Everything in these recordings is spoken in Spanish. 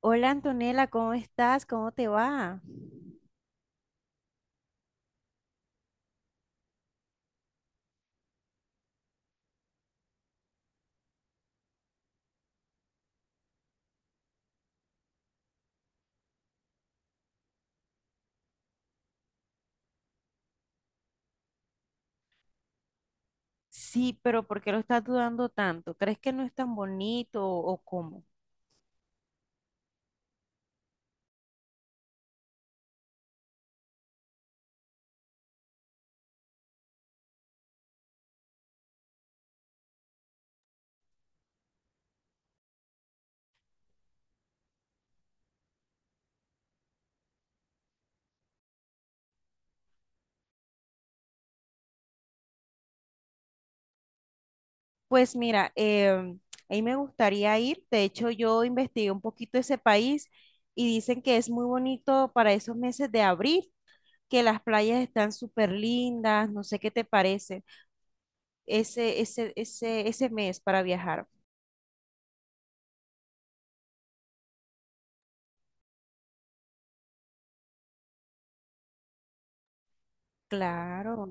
Hola Antonella, ¿cómo estás? ¿Cómo te va? Sí, pero ¿por qué lo estás dudando tanto? ¿Crees que no es tan bonito o cómo? Pues mira, a mí me gustaría ir. De hecho, yo investigué un poquito ese país y dicen que es muy bonito para esos meses de abril, que las playas están súper lindas. No sé qué te parece ese mes para viajar. Claro.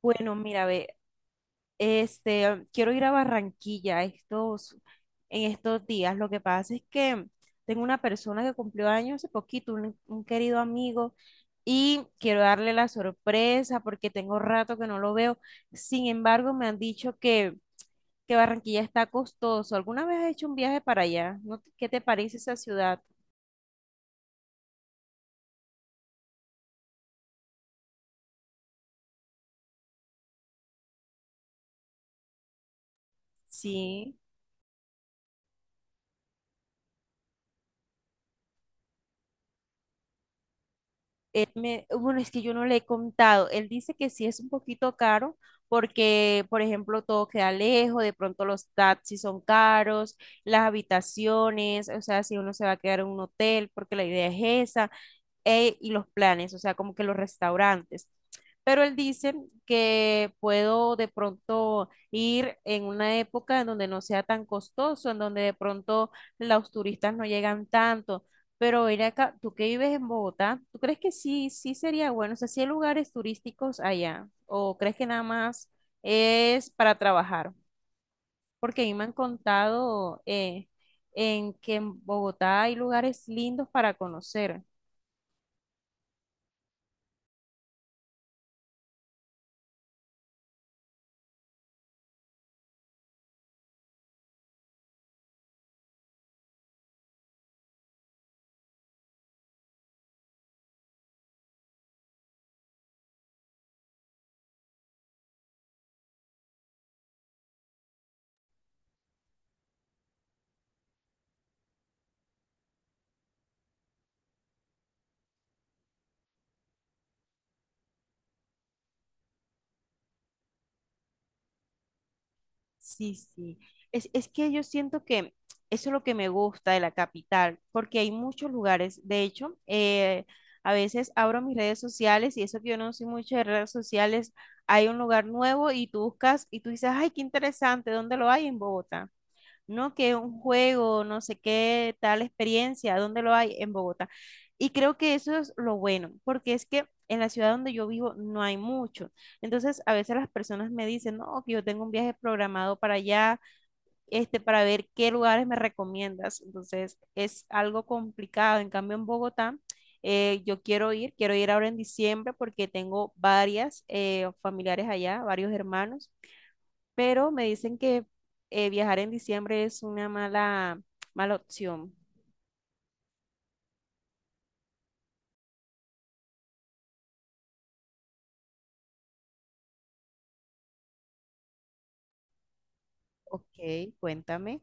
Bueno, mira, ve, este, quiero ir a Barranquilla en estos días. Lo que pasa es que tengo una persona que cumplió años hace poquito, un querido amigo, y quiero darle la sorpresa porque tengo rato que no lo veo. Sin embargo, me han dicho que Barranquilla está costoso. ¿Alguna vez has hecho un viaje para allá? ¿No? ¿Qué te parece esa ciudad? Sí. Él me, bueno, es que yo no le he contado. Él dice que sí es un poquito caro porque, por ejemplo, todo queda lejos, de pronto los taxis son caros, las habitaciones, o sea, si uno se va a quedar en un hotel, porque la idea es esa, y los planes, o sea, como que los restaurantes. Pero él dice que puedo de pronto ir en una época en donde no sea tan costoso, en donde de pronto los turistas no llegan tanto. Pero ir acá, tú que vives en Bogotá, ¿tú crees que sí sería bueno? O sea, ¿sí hay lugares turísticos allá? ¿O crees que nada más es para trabajar? Porque a mí me han contado en que en Bogotá hay lugares lindos para conocer. Sí. Es que yo siento que eso es lo que me gusta de la capital, porque hay muchos lugares. De hecho, a veces abro mis redes sociales y eso que yo no soy mucho de redes sociales, hay un lugar nuevo y tú buscas y tú dices, ay, qué interesante, ¿dónde lo hay? En Bogotá no, que un juego, no sé qué, tal experiencia, ¿dónde lo hay? En Bogotá. Y creo que eso es lo bueno, porque es que en la ciudad donde yo vivo no hay mucho. Entonces, a veces las personas me dicen, no, que yo tengo un viaje programado para allá, este, para ver qué lugares me recomiendas. Entonces, es algo complicado. En cambio, en Bogotá, quiero ir ahora en diciembre porque tengo varias familiares allá, varios hermanos, pero me dicen que viajar en diciembre es una mala opción. Ok, cuéntame.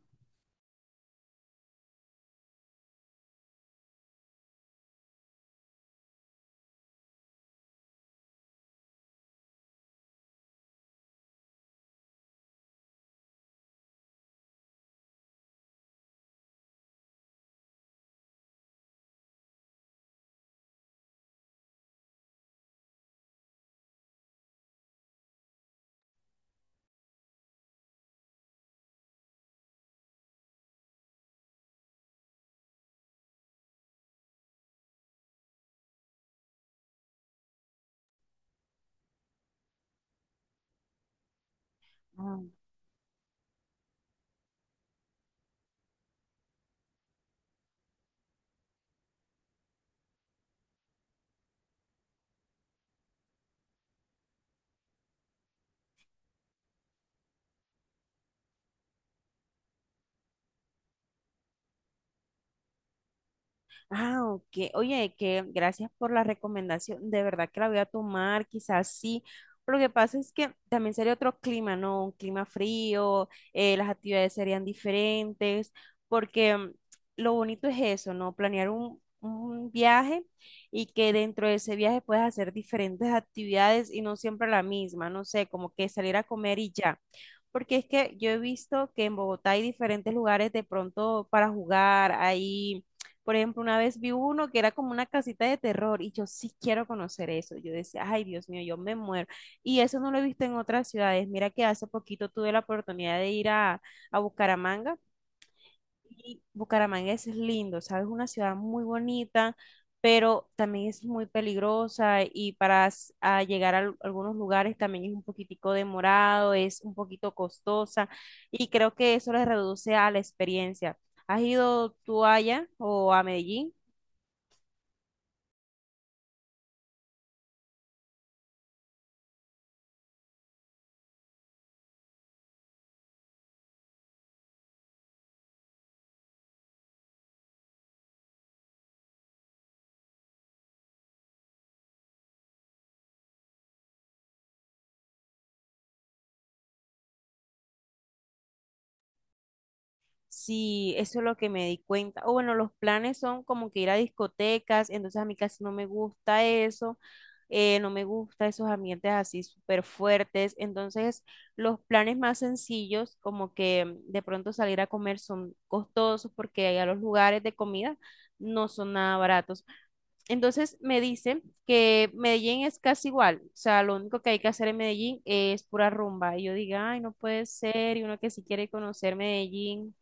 Ah, ok. Oye, que gracias por la recomendación. De verdad que la voy a tomar, quizás sí. Lo que pasa es que también sería otro clima, ¿no? Un clima frío, las actividades serían diferentes, porque lo bonito es eso, ¿no? Planear un viaje y que dentro de ese viaje puedas hacer diferentes actividades y no siempre la misma, no sé, como que salir a comer y ya. Porque es que yo he visto que en Bogotá hay diferentes lugares de pronto para jugar, hay por ejemplo, una vez vi uno que era como una casita de terror y yo sí quiero conocer eso. Yo decía, ay, Dios mío, yo me muero. Y eso no lo he visto en otras ciudades. Mira que hace poquito tuve la oportunidad de ir a Bucaramanga y Bucaramanga es lindo, ¿sabes? Una ciudad muy bonita, pero también es muy peligrosa y a llegar a algunos lugares también es un poquitico demorado, es un poquito costosa y creo que eso le reduce a la experiencia. ¿Has ido tú allá o a Medellín? Sí, eso es lo que me di cuenta. O bueno, los planes son como que ir a discotecas, entonces a mí casi no me gusta eso, no me gusta esos ambientes así súper fuertes. Entonces, los planes más sencillos, como que de pronto salir a comer, son costosos porque allá los lugares de comida no son nada baratos. Entonces, me dicen que Medellín es casi igual, o sea, lo único que hay que hacer en Medellín es pura rumba. Y yo digo, ay, no puede ser, y uno que sí quiere conocer Medellín.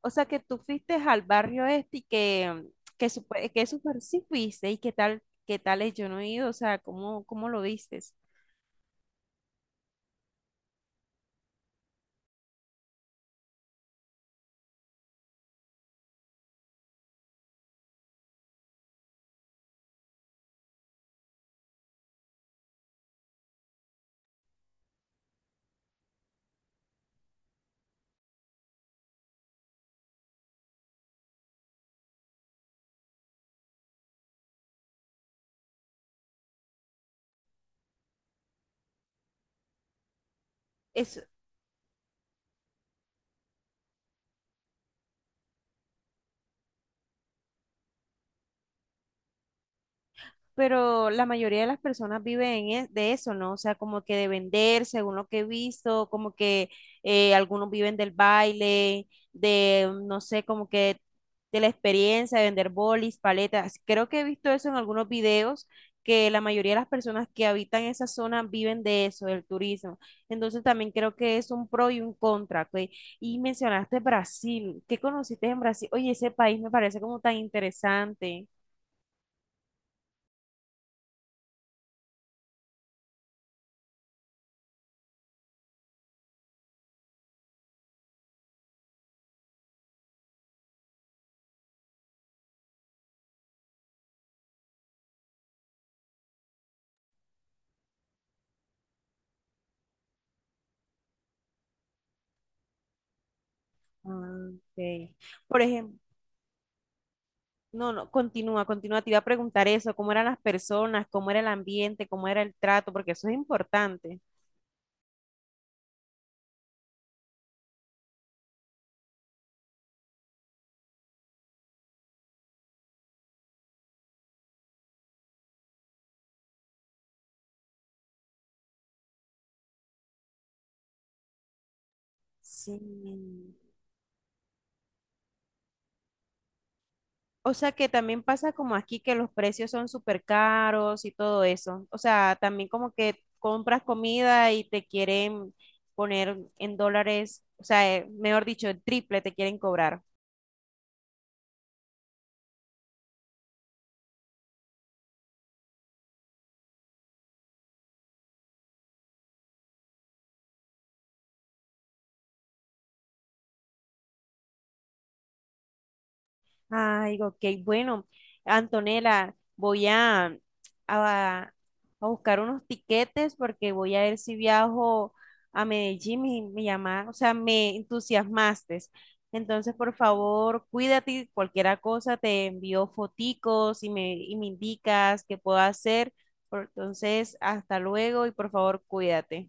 O sea, que tú fuiste al barrio este que super sí fuiste y qué tal es, yo no he ido, o sea, ¿cómo lo vistes? Pero la mayoría de las personas viven de eso, ¿no? O sea, como que de vender, según lo que he visto, como que algunos viven del baile, de, no sé, como que de la experiencia de vender bolis, paletas. Creo que he visto eso en algunos videos, que la mayoría de las personas que habitan esa zona viven de eso, del turismo. Entonces también creo que es un pro y un contra, ¿ok? Y mencionaste Brasil, ¿qué conociste en Brasil? Oye, ese país me parece como tan interesante. Ah, ok. Por ejemplo, no, no, continúa, continúa. Te iba a preguntar eso, cómo eran las personas, cómo era el ambiente, cómo era el trato, porque eso es importante. Sí. O sea que también pasa como aquí que los precios son súper caros y todo eso. O sea, también como que compras comida y te quieren poner en dólares, o sea, mejor dicho, el triple te quieren cobrar. Ay, ok, bueno, Antonella, voy a, a buscar unos tiquetes porque voy a ver si viajo a Medellín, o sea, me entusiasmaste. Entonces, por favor, cuídate, y cualquier cosa, te envío foticos y me indicas qué puedo hacer. Entonces, hasta luego y por favor, cuídate.